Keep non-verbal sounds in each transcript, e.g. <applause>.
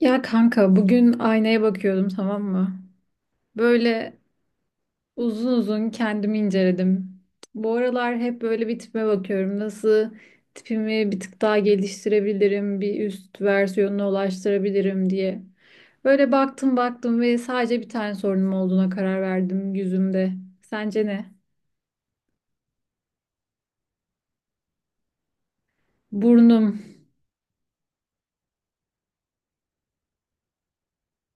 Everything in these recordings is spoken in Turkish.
Ya kanka bugün aynaya bakıyordum, tamam mı? Böyle uzun uzun kendimi inceledim. Bu aralar hep böyle bir tipime bakıyorum. Nasıl tipimi bir tık daha geliştirebilirim, bir üst versiyonuna ulaştırabilirim diye. Böyle baktım baktım ve sadece bir tane sorunum olduğuna karar verdim yüzümde. Sence ne? Burnum.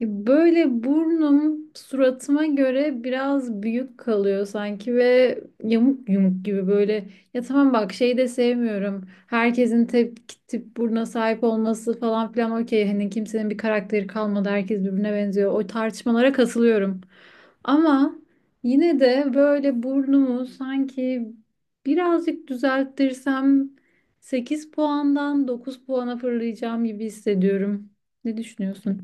Ya böyle burnum suratıma göre biraz büyük kalıyor sanki ve yamuk yumuk gibi böyle. Ya tamam bak, şeyi de sevmiyorum. Herkesin tip buruna sahip olması falan filan okey. Hani kimsenin bir karakteri kalmadı. Herkes birbirine benziyor. O tartışmalara katılıyorum. Ama yine de böyle burnumu sanki birazcık düzelttirsem 8 puandan 9 puana fırlayacağım gibi hissediyorum. Ne düşünüyorsun?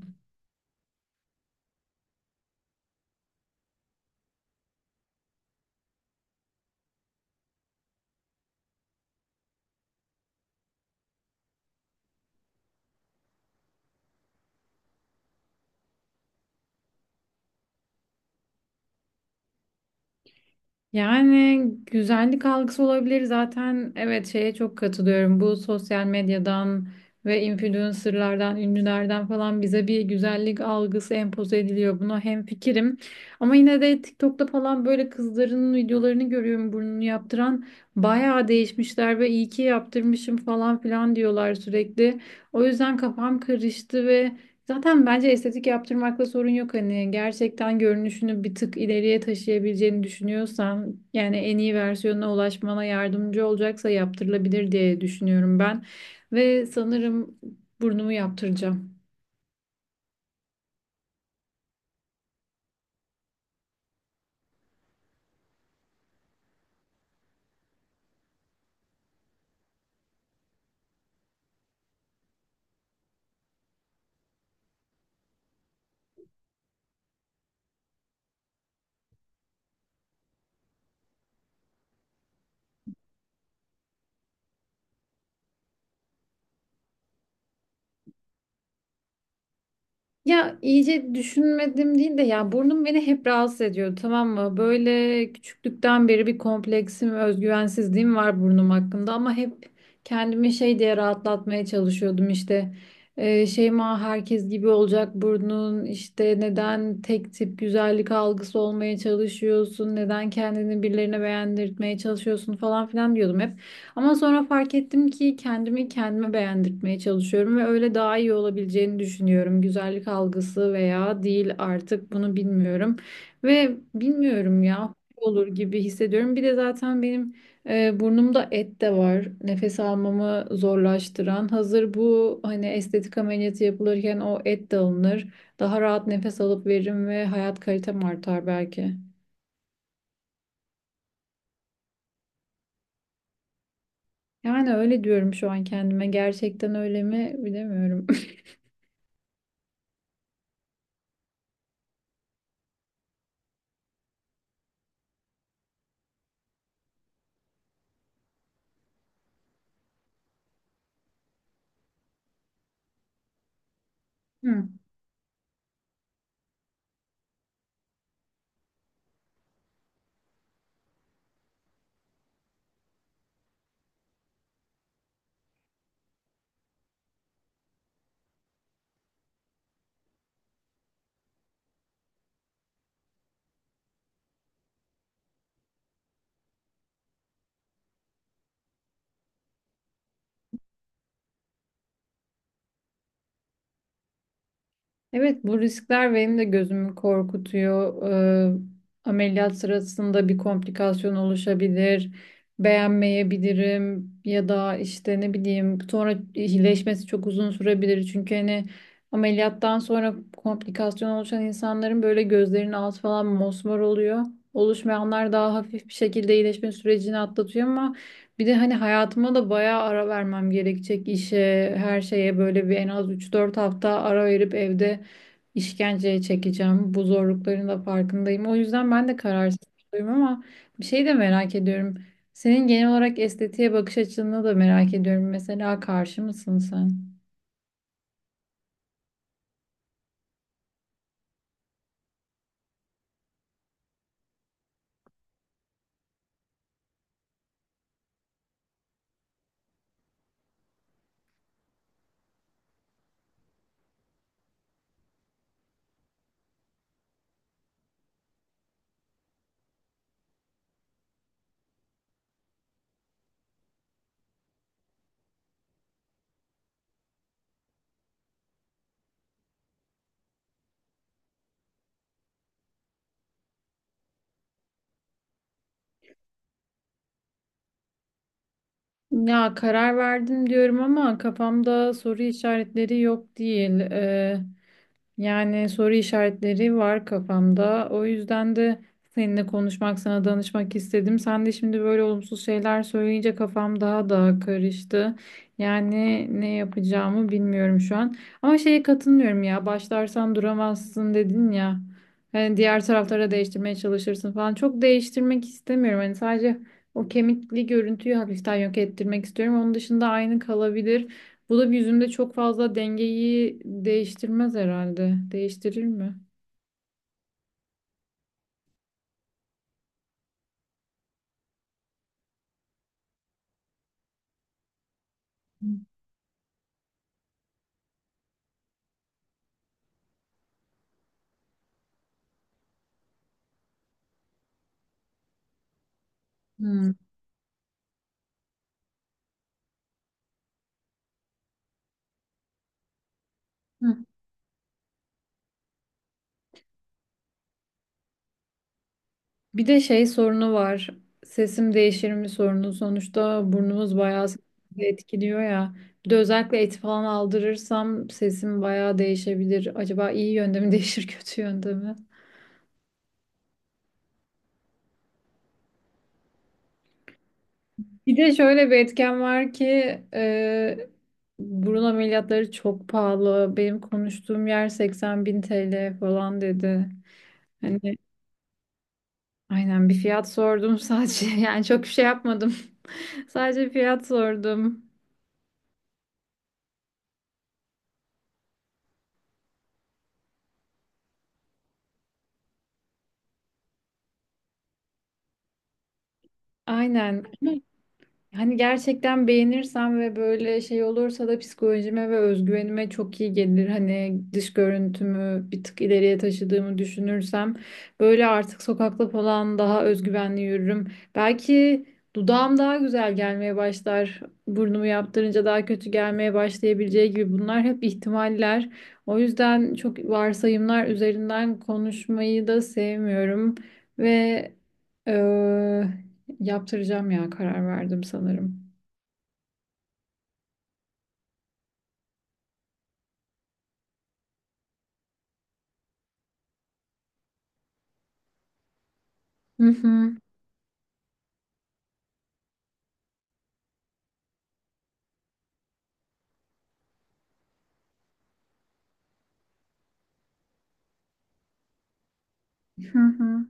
Yani güzellik algısı olabilir zaten. Evet, şeye çok katılıyorum. Bu sosyal medyadan ve influencerlardan, ünlülerden falan bize bir güzellik algısı empoze ediliyor. Buna hemfikirim. Ama yine de TikTok'ta falan böyle kızların videolarını görüyorum burnunu yaptıran. Bayağı değişmişler ve iyi ki yaptırmışım falan filan diyorlar sürekli. O yüzden kafam karıştı ve zaten bence estetik yaptırmakla sorun yok, hani gerçekten görünüşünü bir tık ileriye taşıyabileceğini düşünüyorsan, yani en iyi versiyonuna ulaşmana yardımcı olacaksa yaptırılabilir diye düşünüyorum ben ve sanırım burnumu yaptıracağım. Ya iyice düşünmedim değil de, ya burnum beni hep rahatsız ediyor, tamam mı? Böyle küçüklükten beri bir kompleksim, özgüvensizliğim var burnum hakkında ama hep kendimi şey diye rahatlatmaya çalışıyordum işte. Şeyma herkes gibi olacak burnun işte, neden tek tip güzellik algısı olmaya çalışıyorsun? Neden kendini birilerine beğendirtmeye çalışıyorsun falan filan diyordum hep. Ama sonra fark ettim ki kendimi kendime beğendirtmeye çalışıyorum ve öyle daha iyi olabileceğini düşünüyorum. Güzellik algısı veya değil, artık bunu bilmiyorum. Ve bilmiyorum ya, olur gibi hissediyorum. Bir de zaten benim burnumda et de var. Nefes almamı zorlaştıran. Hazır bu hani estetik ameliyatı yapılırken o et de alınır. Daha rahat nefes alıp veririm ve hayat kalitem artar belki. Yani öyle diyorum şu an kendime. Gerçekten öyle mi bilemiyorum. <laughs> Hı. Evet, bu riskler benim de gözümü korkutuyor. Ee, ameliyat sırasında bir komplikasyon oluşabilir, beğenmeyebilirim ya da işte ne bileyim sonra iyileşmesi çok uzun sürebilir. Çünkü hani ameliyattan sonra komplikasyon oluşan insanların böyle gözlerinin altı falan mosmor oluyor. Oluşmayanlar daha hafif bir şekilde iyileşme sürecini atlatıyor ama bir de hani hayatıma da bayağı ara vermem gerekecek işe, her şeye böyle bir en az 3-4 hafta ara verip evde işkenceye çekeceğim. Bu zorlukların da farkındayım. O yüzden ben de kararsızım ama bir şey de merak ediyorum. Senin genel olarak estetiğe bakış açını da merak ediyorum. Mesela karşı mısın sen? Ya karar verdim diyorum ama kafamda soru işaretleri yok değil. Yani soru işaretleri var kafamda. O yüzden de seninle konuşmak, sana danışmak istedim. Sen de şimdi böyle olumsuz şeyler söyleyince kafam daha da karıştı. Yani ne yapacağımı bilmiyorum şu an. Ama şeye katılmıyorum ya. Başlarsan duramazsın dedin ya. Hani diğer taraflara değiştirmeye çalışırsın falan. Çok değiştirmek istemiyorum. Hani sadece o kemikli görüntüyü hafiften yok ettirmek istiyorum. Onun dışında aynı kalabilir. Bu da bir yüzümde çok fazla dengeyi değiştirmez herhalde. Değiştirir mi? Hmm. Hı. Bir de şey sorunu var. Sesim değişir mi sorunu. Sonuçta burnumuz bayağı sesimizi etkiliyor ya. Bir de özellikle eti falan aldırırsam sesim bayağı değişebilir. Acaba iyi yönde mi değişir, <laughs> kötü yönde mi? Bir de şöyle bir etken var ki e, burun ameliyatları çok pahalı. Benim konuştuğum yer 80 bin TL falan dedi. Hani. Aynen, bir fiyat sordum sadece. <laughs> Yani çok bir şey yapmadım. <laughs> Sadece fiyat sordum. Aynen. Hani gerçekten beğenirsem ve böyle şey olursa da psikolojime ve özgüvenime çok iyi gelir. Hani dış görüntümü bir tık ileriye taşıdığımı düşünürsem böyle artık sokakta falan daha özgüvenli yürürüm. Belki dudağım daha güzel gelmeye başlar. Burnumu yaptırınca daha kötü gelmeye başlayabileceği gibi, bunlar hep ihtimaller. O yüzden çok varsayımlar üzerinden konuşmayı da sevmiyorum ve eee, yaptıracağım ya, karar verdim sanırım. Hı hı, hı hı.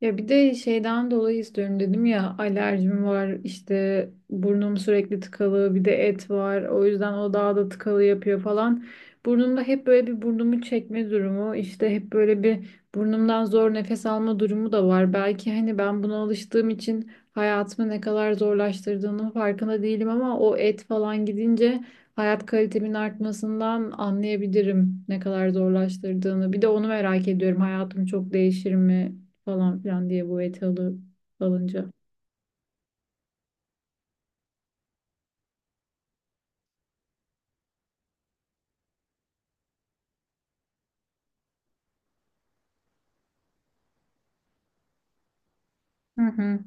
Ya bir de şeyden dolayı istiyorum dedim ya, alerjim var işte, burnum sürekli tıkalı, bir de et var o yüzden o daha da tıkalı yapıyor falan. Burnumda hep böyle bir burnumu çekme durumu, işte hep böyle bir burnumdan zor nefes alma durumu da var. Belki hani ben buna alıştığım için hayatımı ne kadar zorlaştırdığının farkında değilim ama o et falan gidince hayat kalitemin artmasından anlayabilirim ne kadar zorlaştırdığını. Bir de onu merak ediyorum, hayatım çok değişir mi falan filan diye, bu alınca. Hı hı.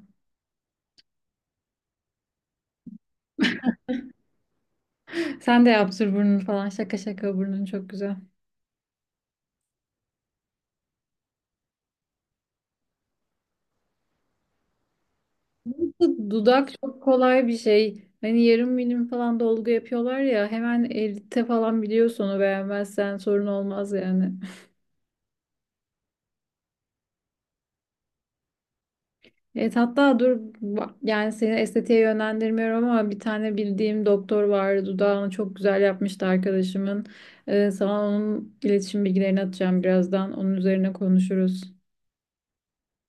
Sen de yaptır burnunu falan. Şaka şaka, burnun çok güzel. Bu dudak çok kolay bir şey. Hani yarım milim falan dolgu yapıyorlar ya, hemen elde falan biliyorsun, onu beğenmezsen sorun olmaz yani. Evet, hatta dur bak, yani seni estetiğe yönlendirmiyorum ama bir tane bildiğim doktor vardı, dudağını çok güzel yapmıştı arkadaşımın. Sana onun iletişim bilgilerini atacağım birazdan, onun üzerine konuşuruz.